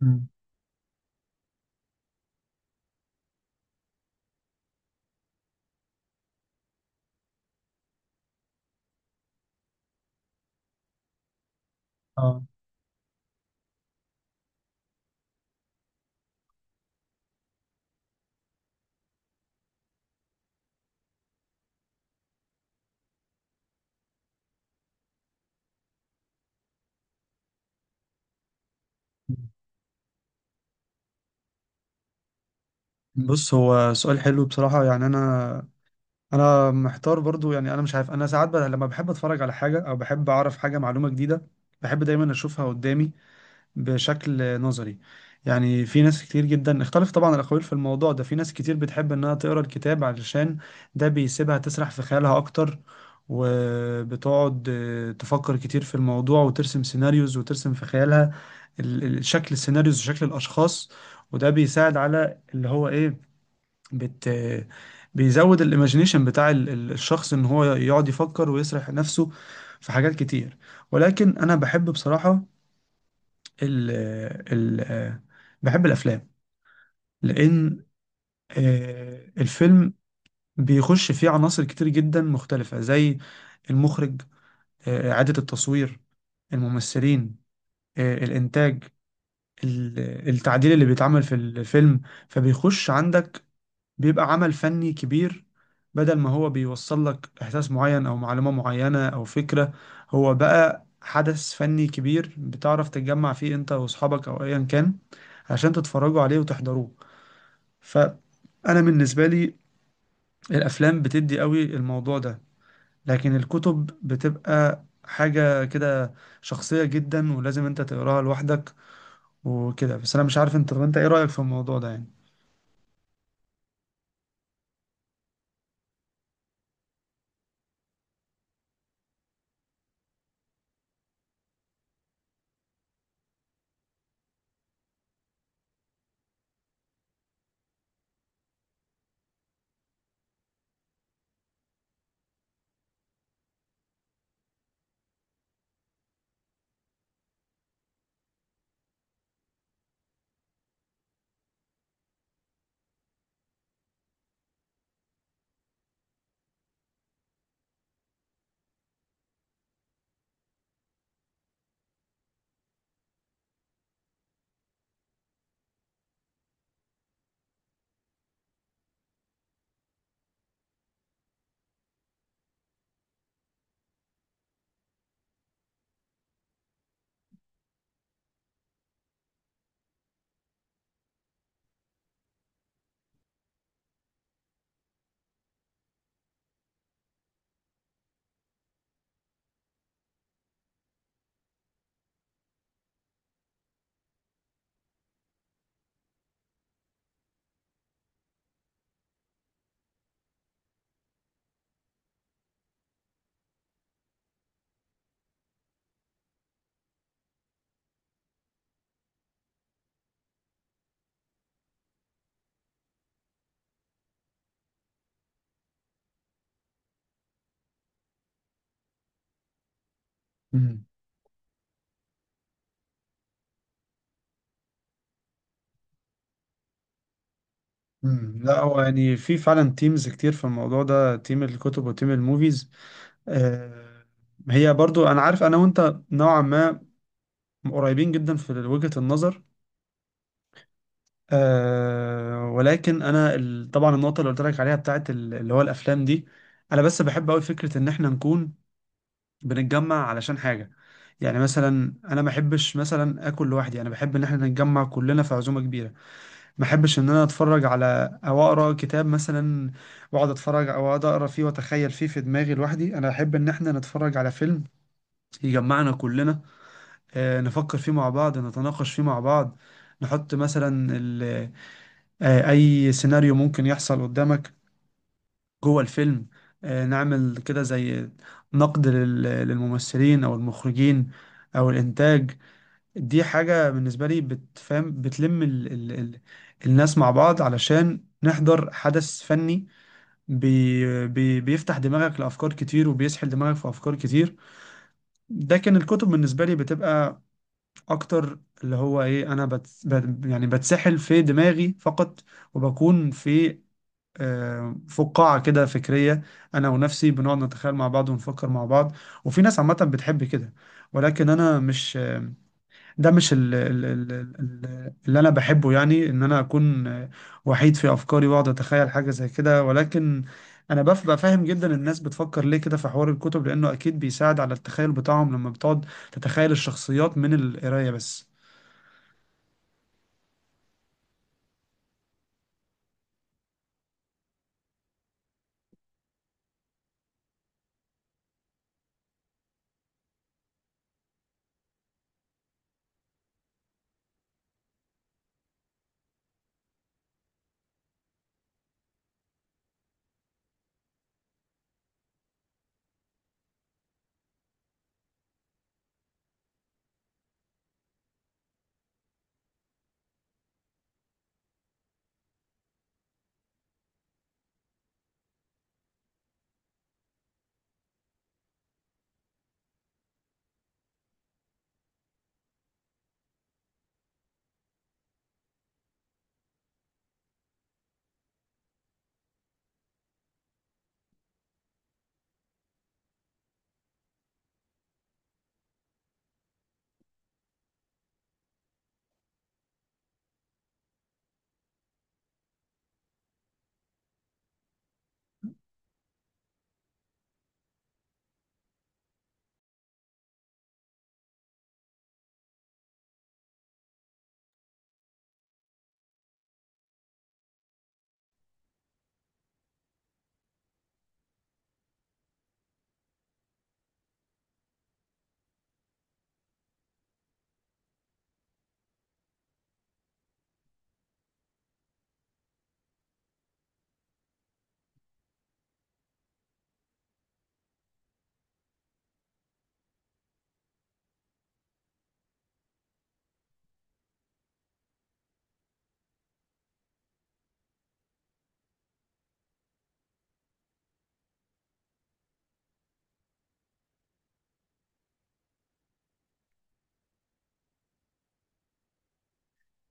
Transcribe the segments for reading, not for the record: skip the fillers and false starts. مم. اه، بص، هو سؤال حلو بصراحة. يعني أنا محتار برضو، يعني أنا مش عارف. أنا ساعات لما بحب أتفرج على حاجة أو بحب أعرف حاجة، معلومة جديدة، بحب دايما أشوفها قدامي بشكل نظري. يعني في ناس كتير جدا، اختلف طبعا الأقاويل في الموضوع ده، في ناس كتير بتحب إنها تقرأ الكتاب علشان ده بيسيبها تسرح في خيالها أكتر، وبتقعد تفكر كتير في الموضوع وترسم سيناريوز، وترسم في خيالها شكل السيناريوز وشكل الأشخاص. وده بيساعد على اللي هو إيه، بت آه، بيزود الايماجينيشن بتاع الشخص، ان هو يقعد يفكر ويسرح نفسه في حاجات كتير. ولكن انا بحب بصراحة ال ال بحب الافلام، لان الفيلم بيخش فيه عناصر كتير جدا مختلفة، زي المخرج، إعادة التصوير، الممثلين، الإنتاج، ال- التعديل اللي بيتعمل في الفيلم. فبيخش عندك، بيبقى عمل فني كبير. بدل ما هو بيوصل لك إحساس معين أو معلومة معينة أو فكرة، هو بقى حدث فني كبير بتعرف تتجمع فيه أنت وأصحابك أو أيا كان، عشان تتفرجوا عليه وتحضروه. فأنا بالنسبة لي، الأفلام بتدي قوي الموضوع ده، لكن الكتب بتبقى حاجة كده شخصية جدا ولازم أنت تقراها لوحدك. وكده بس. أنا مش عارف أنت، طب أنت إيه رأيك في الموضوع ده يعني؟ مم. لا، هو يعني في فعلا تيمز كتير في الموضوع ده، تيم الكتب وتيم الموفيز. آه، هي برضو انا عارف انا وانت نوعا ما قريبين جدا في وجهة النظر. آه، ولكن انا طبعا النقطة اللي قلت لك عليها بتاعت اللي هو الافلام دي، انا بس بحب قوي فكرة ان احنا نكون بنتجمع علشان حاجة. يعني مثلا انا ما بحبش مثلا اكل لوحدي، انا بحب ان احنا نتجمع كلنا في عزومة كبيرة. ما احبش ان انا اتفرج على او اقرا كتاب مثلا، واقعد اتفرج او اقعد اقرا فيه واتخيل فيه في دماغي لوحدي. انا احب ان احنا نتفرج على فيلم يجمعنا كلنا، نفكر فيه مع بعض، نتناقش فيه مع بعض، نحط مثلا اي سيناريو ممكن يحصل قدامك جوه الفيلم، نعمل كده زي نقد للممثلين او المخرجين او الانتاج. دي حاجة بالنسبة لي بتفهم، بتلم ال ال ال الناس مع بعض علشان نحضر حدث فني. بي بي بيفتح دماغك لأفكار كتير وبيسحل دماغك في أفكار كتير. ده كان الكتب بالنسبة لي بتبقى أكتر اللي هو إيه، أنا بت بت يعني بتسحل في دماغي فقط، وبكون في فقاعة كده فكرية، أنا ونفسي بنقعد نتخيل مع بعض ونفكر مع بعض. وفي ناس عامة بتحب كده، ولكن أنا مش، ده مش ال ال ال ال اللي انا بحبه، يعني ان انا اكون وحيد في افكاري واقعد اتخيل حاجه زي كده. ولكن انا ببقى فاهم جدا الناس بتفكر ليه كده في حوار الكتب، لانه اكيد بيساعد على التخيل بتاعهم لما بتقعد تتخيل الشخصيات من القرايه بس.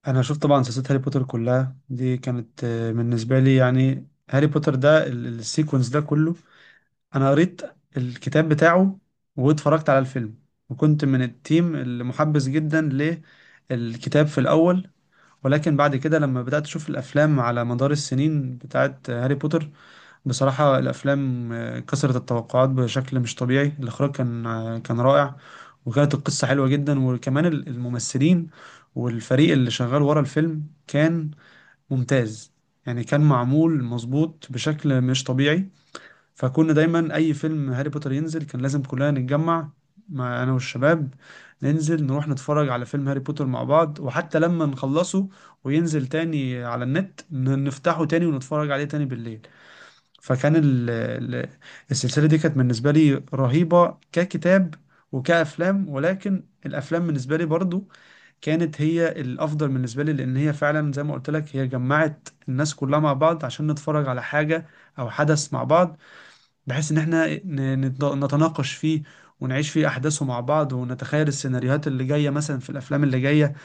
انا شفت طبعا سلسله هاري بوتر كلها. دي كانت بالنسبه لي يعني، هاري بوتر ده السيكونس ده كله، انا قريت الكتاب بتاعه واتفرجت على الفيلم، وكنت من التيم اللي محبس جدا للكتاب في الاول. ولكن بعد كده لما بدأت اشوف الافلام على مدار السنين بتاعت هاري بوتر، بصراحة الافلام كسرت التوقعات بشكل مش طبيعي. الاخراج كان كان رائع، وكانت القصة حلوة جدا، وكمان الممثلين والفريق اللي شغال ورا الفيلم كان ممتاز. يعني كان معمول مظبوط بشكل مش طبيعي. فكنا دايما اي فيلم هاري بوتر ينزل كان لازم كلنا نتجمع، مع انا والشباب، ننزل نروح نتفرج على فيلم هاري بوتر مع بعض، وحتى لما نخلصه وينزل تاني على النت نفتحه تاني ونتفرج عليه تاني بالليل. فكان السلسلة دي كانت بالنسبة لي رهيبة ككتاب وكأفلام. ولكن الأفلام بالنسبة لي برضو كانت هي الأفضل بالنسبة لي، لأن هي فعلا زي ما قلت لك هي جمعت الناس كلها مع بعض عشان نتفرج على حاجة أو حدث مع بعض، بحيث ان احنا نتناقش فيه ونعيش فيه احداثه مع بعض ونتخيل السيناريوهات اللي جايه مثلا في الافلام اللي جايه.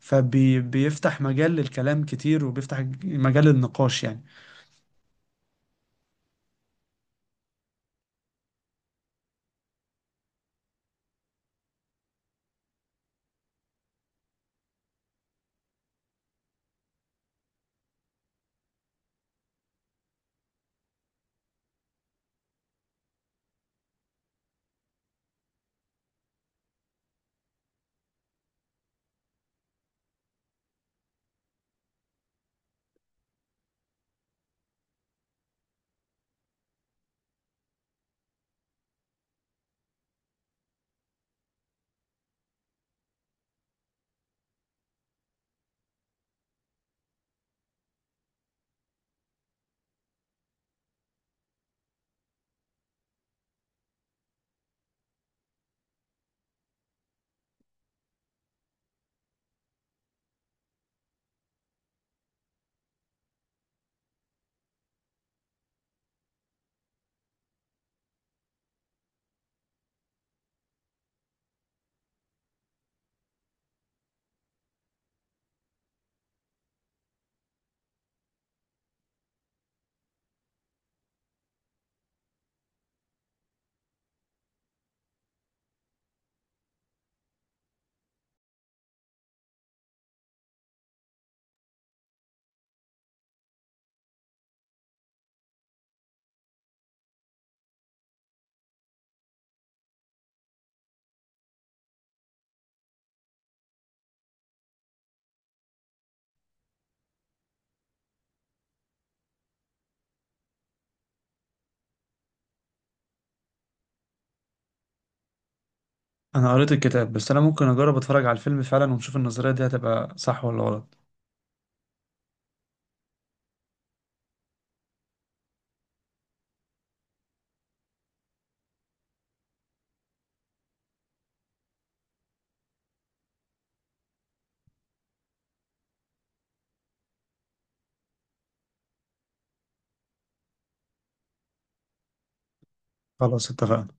فبيفتح مجال للكلام كتير، وبيفتح مجال للنقاش يعني. انا قريت الكتاب بس، انا ممكن اجرب اتفرج على الفيلم فعلا، ونشوف النظريه دي هتبقى صح ولا غلط. خلاص اتفقنا.